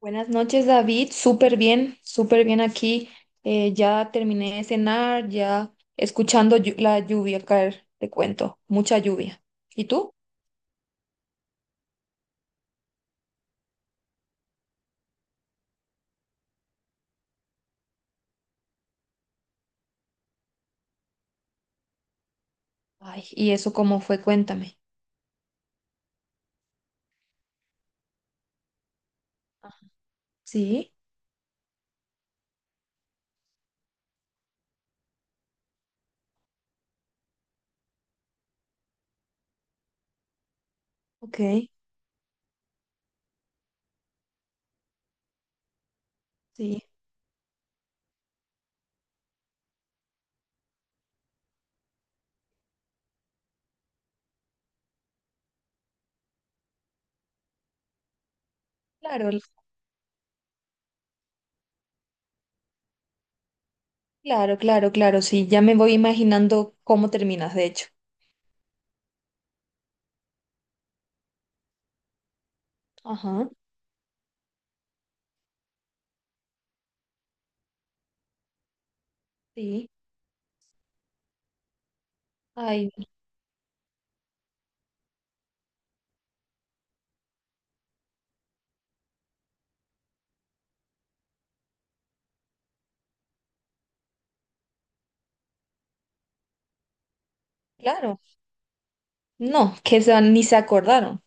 Buenas noches, David. Súper bien aquí. Ya terminé de cenar, ya escuchando la lluvia caer, te cuento. Mucha lluvia. ¿Y tú? Ay, ¿y eso cómo fue? Cuéntame. Ajá. Sí, ok, sí. Claro, claro, claro, claro, sí. Ya me voy imaginando cómo terminas, de hecho. Ajá, sí. Ay, claro. No, ni se acordaron,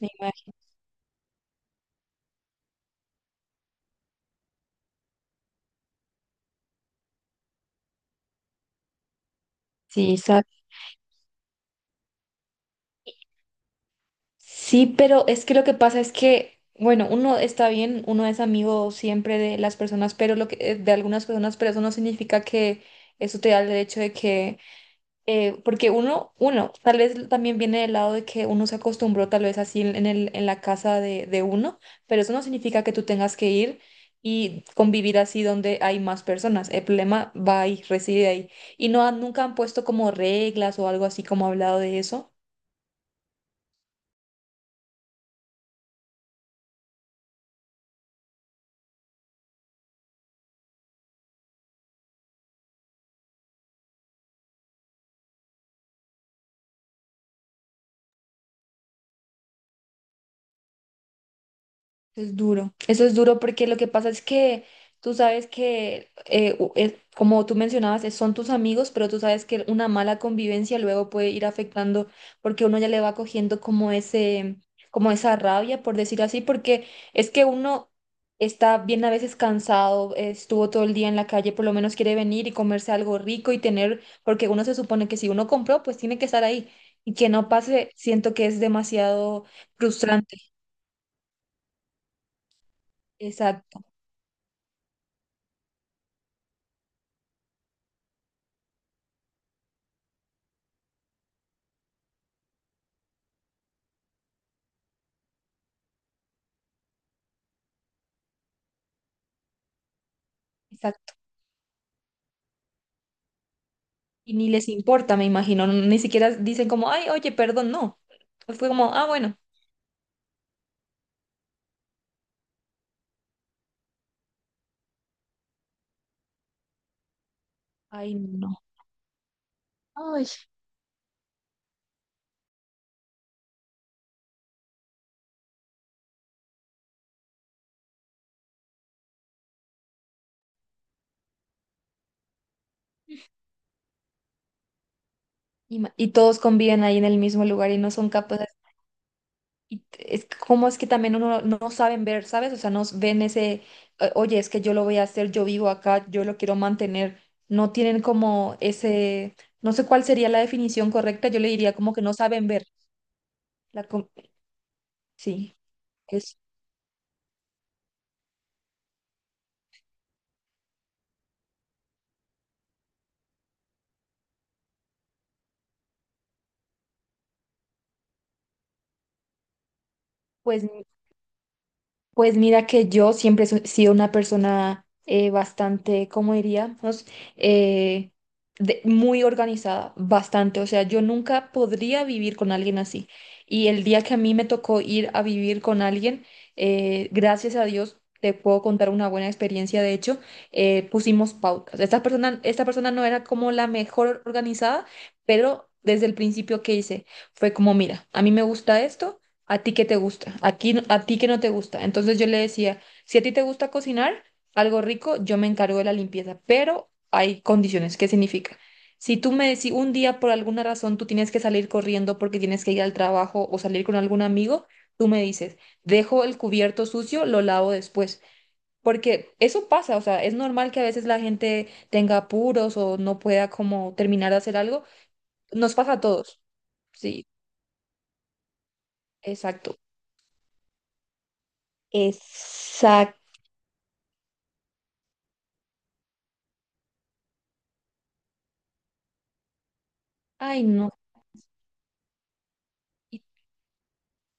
me imagino. Sí, ¿sabes? Sí, pero es que lo que pasa es que, bueno, uno está bien, uno es amigo siempre de las personas, pero lo que, de algunas personas, pero eso no significa que eso te da el derecho de que, porque uno, tal vez también viene del lado de que uno se acostumbró tal vez así en en la casa de uno, pero eso no significa que tú tengas que ir y convivir así donde hay más personas. El problema va ahí, reside ahí. Y nunca han puesto como reglas o algo así como hablado de eso. Es duro, eso es duro porque lo que pasa es que tú sabes que, como tú mencionabas, son tus amigos, pero tú sabes que una mala convivencia luego puede ir afectando porque uno ya le va cogiendo como ese, como esa rabia, por decir así, porque es que uno está bien a veces cansado, estuvo todo el día en la calle, por lo menos quiere venir y comerse algo rico y tener, porque uno se supone que si uno compró, pues tiene que estar ahí y que no pase, siento que es demasiado frustrante. Exacto, exacto. Y ni les importa, me imagino. Ni siquiera dicen como, ay, oye, perdón, no. Fue como, ah, bueno. Ay, no. Ay. Y, y todos conviven ahí en el mismo lugar y no son capaces. Y es como es que también uno no, no saben ver, ¿sabes? O sea, no ven ese, oye, es que yo lo voy a hacer, yo vivo acá, yo lo quiero mantener." No tienen como ese, no sé cuál sería la definición correcta, yo le diría como que no saben ver. La, com- sí, es pues. Pues mira que yo siempre he sido una persona bastante, ¿cómo diríamos? Eh, muy organizada, bastante. O sea, yo nunca podría vivir con alguien así. Y el día que a mí me tocó ir a vivir con alguien, gracias a Dios, te puedo contar una buena experiencia. De hecho, pusimos pautas. Esta persona no era como la mejor organizada, pero desde el principio que hice fue como, mira, a mí me gusta esto. ¿A ti qué te gusta? ¿A a ti qué no te gusta? Entonces yo le decía, si a ti te gusta cocinar algo rico, yo me encargo de la limpieza, pero hay condiciones. ¿Qué significa? Si tú me decís un día por alguna razón tú tienes que salir corriendo porque tienes que ir al trabajo o salir con algún amigo, tú me dices, dejo el cubierto sucio, lo lavo después. Porque eso pasa, o sea, es normal que a veces la gente tenga apuros o no pueda como terminar de hacer algo. Nos pasa a todos. Sí, exacto. Ay, no. y-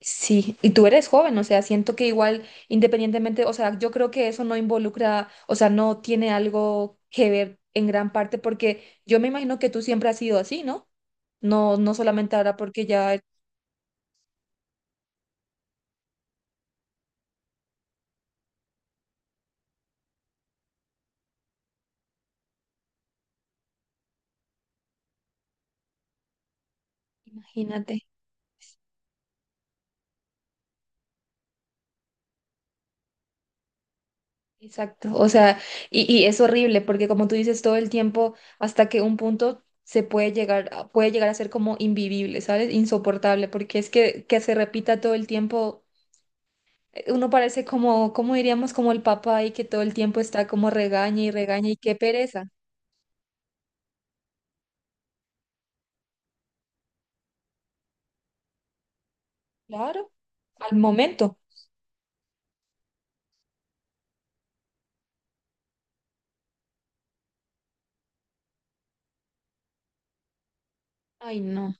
Sí, y tú eres joven, o sea, siento que igual, independientemente, o sea, yo creo que eso no involucra, o sea, no tiene algo que ver en gran parte, porque yo me imagino que tú siempre has sido así, ¿no? No, no solamente ahora porque ya, imagínate, exacto, o sea, y es horrible porque como tú dices todo el tiempo, hasta que un punto se puede llegar, puede llegar a ser como invivible, ¿sabes? Insoportable, porque es que se repita todo el tiempo. Uno parece como, como diríamos? Como el papá y que todo el tiempo está como regaña y regaña y qué pereza. Claro, al momento. Ay, no.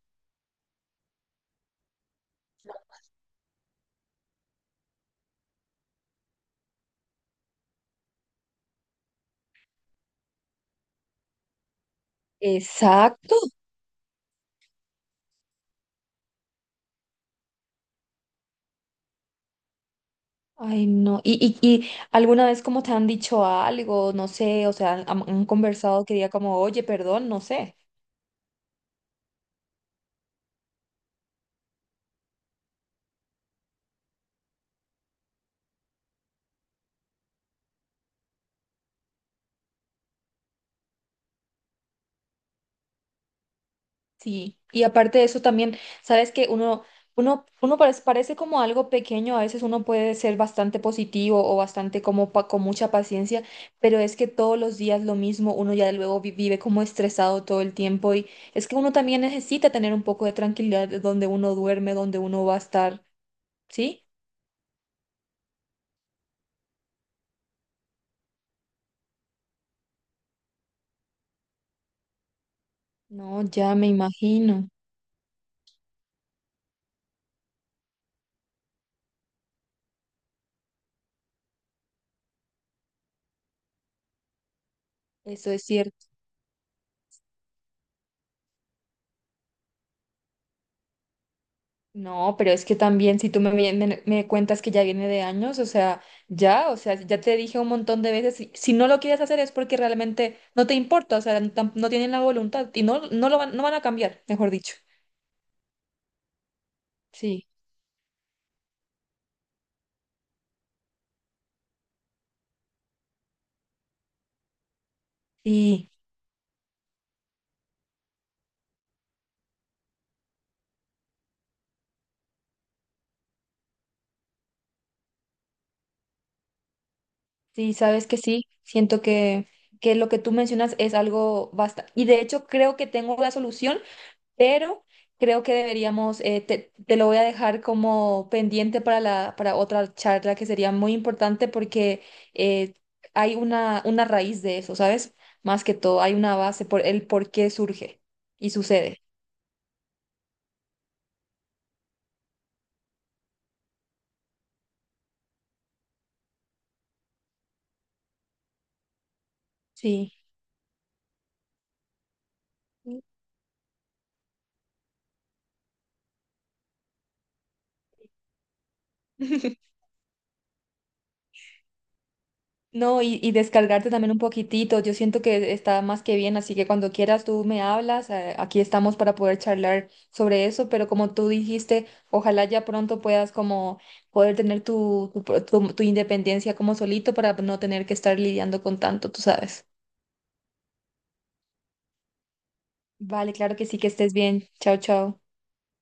Exacto. Ay, no. ¿Y, y alguna vez como te han dicho algo? No sé, o sea, han conversado que diga como, oye, perdón, no sé. Sí, y aparte de eso también, sabes que uno parece, parece como algo pequeño, a veces uno puede ser bastante positivo o bastante como con mucha paciencia, pero es que todos los días lo mismo, uno ya luego vive como estresado todo el tiempo y es que uno también necesita tener un poco de tranquilidad de donde uno duerme, donde uno va a estar, ¿sí? No, ya me imagino, eso es cierto. No, pero es que también si tú me cuentas que ya viene de años, o sea, ya te dije un montón de veces, si no lo quieres hacer es porque realmente no te importa, o sea, no, no tienen la voluntad y no lo van, no van a cambiar, mejor dicho. Sí, sí, sí, sabes que sí, siento que lo que tú mencionas es algo basta y de hecho creo que tengo la solución, pero creo que deberíamos, te lo voy a dejar como pendiente para para otra charla que sería muy importante porque eh, hay una raíz de eso, ¿sabes? Más que todo, hay una base por el por qué surge y sucede. Sí. No, y descargarte también un poquitito. Yo siento que está más que bien, así que cuando quieras tú me hablas. Aquí estamos para poder charlar sobre eso, pero como tú dijiste, ojalá ya pronto puedas como poder tener tu independencia como solito para no tener que estar lidiando con tanto, tú sabes. Vale, claro que sí, que estés bien. Chao, chao.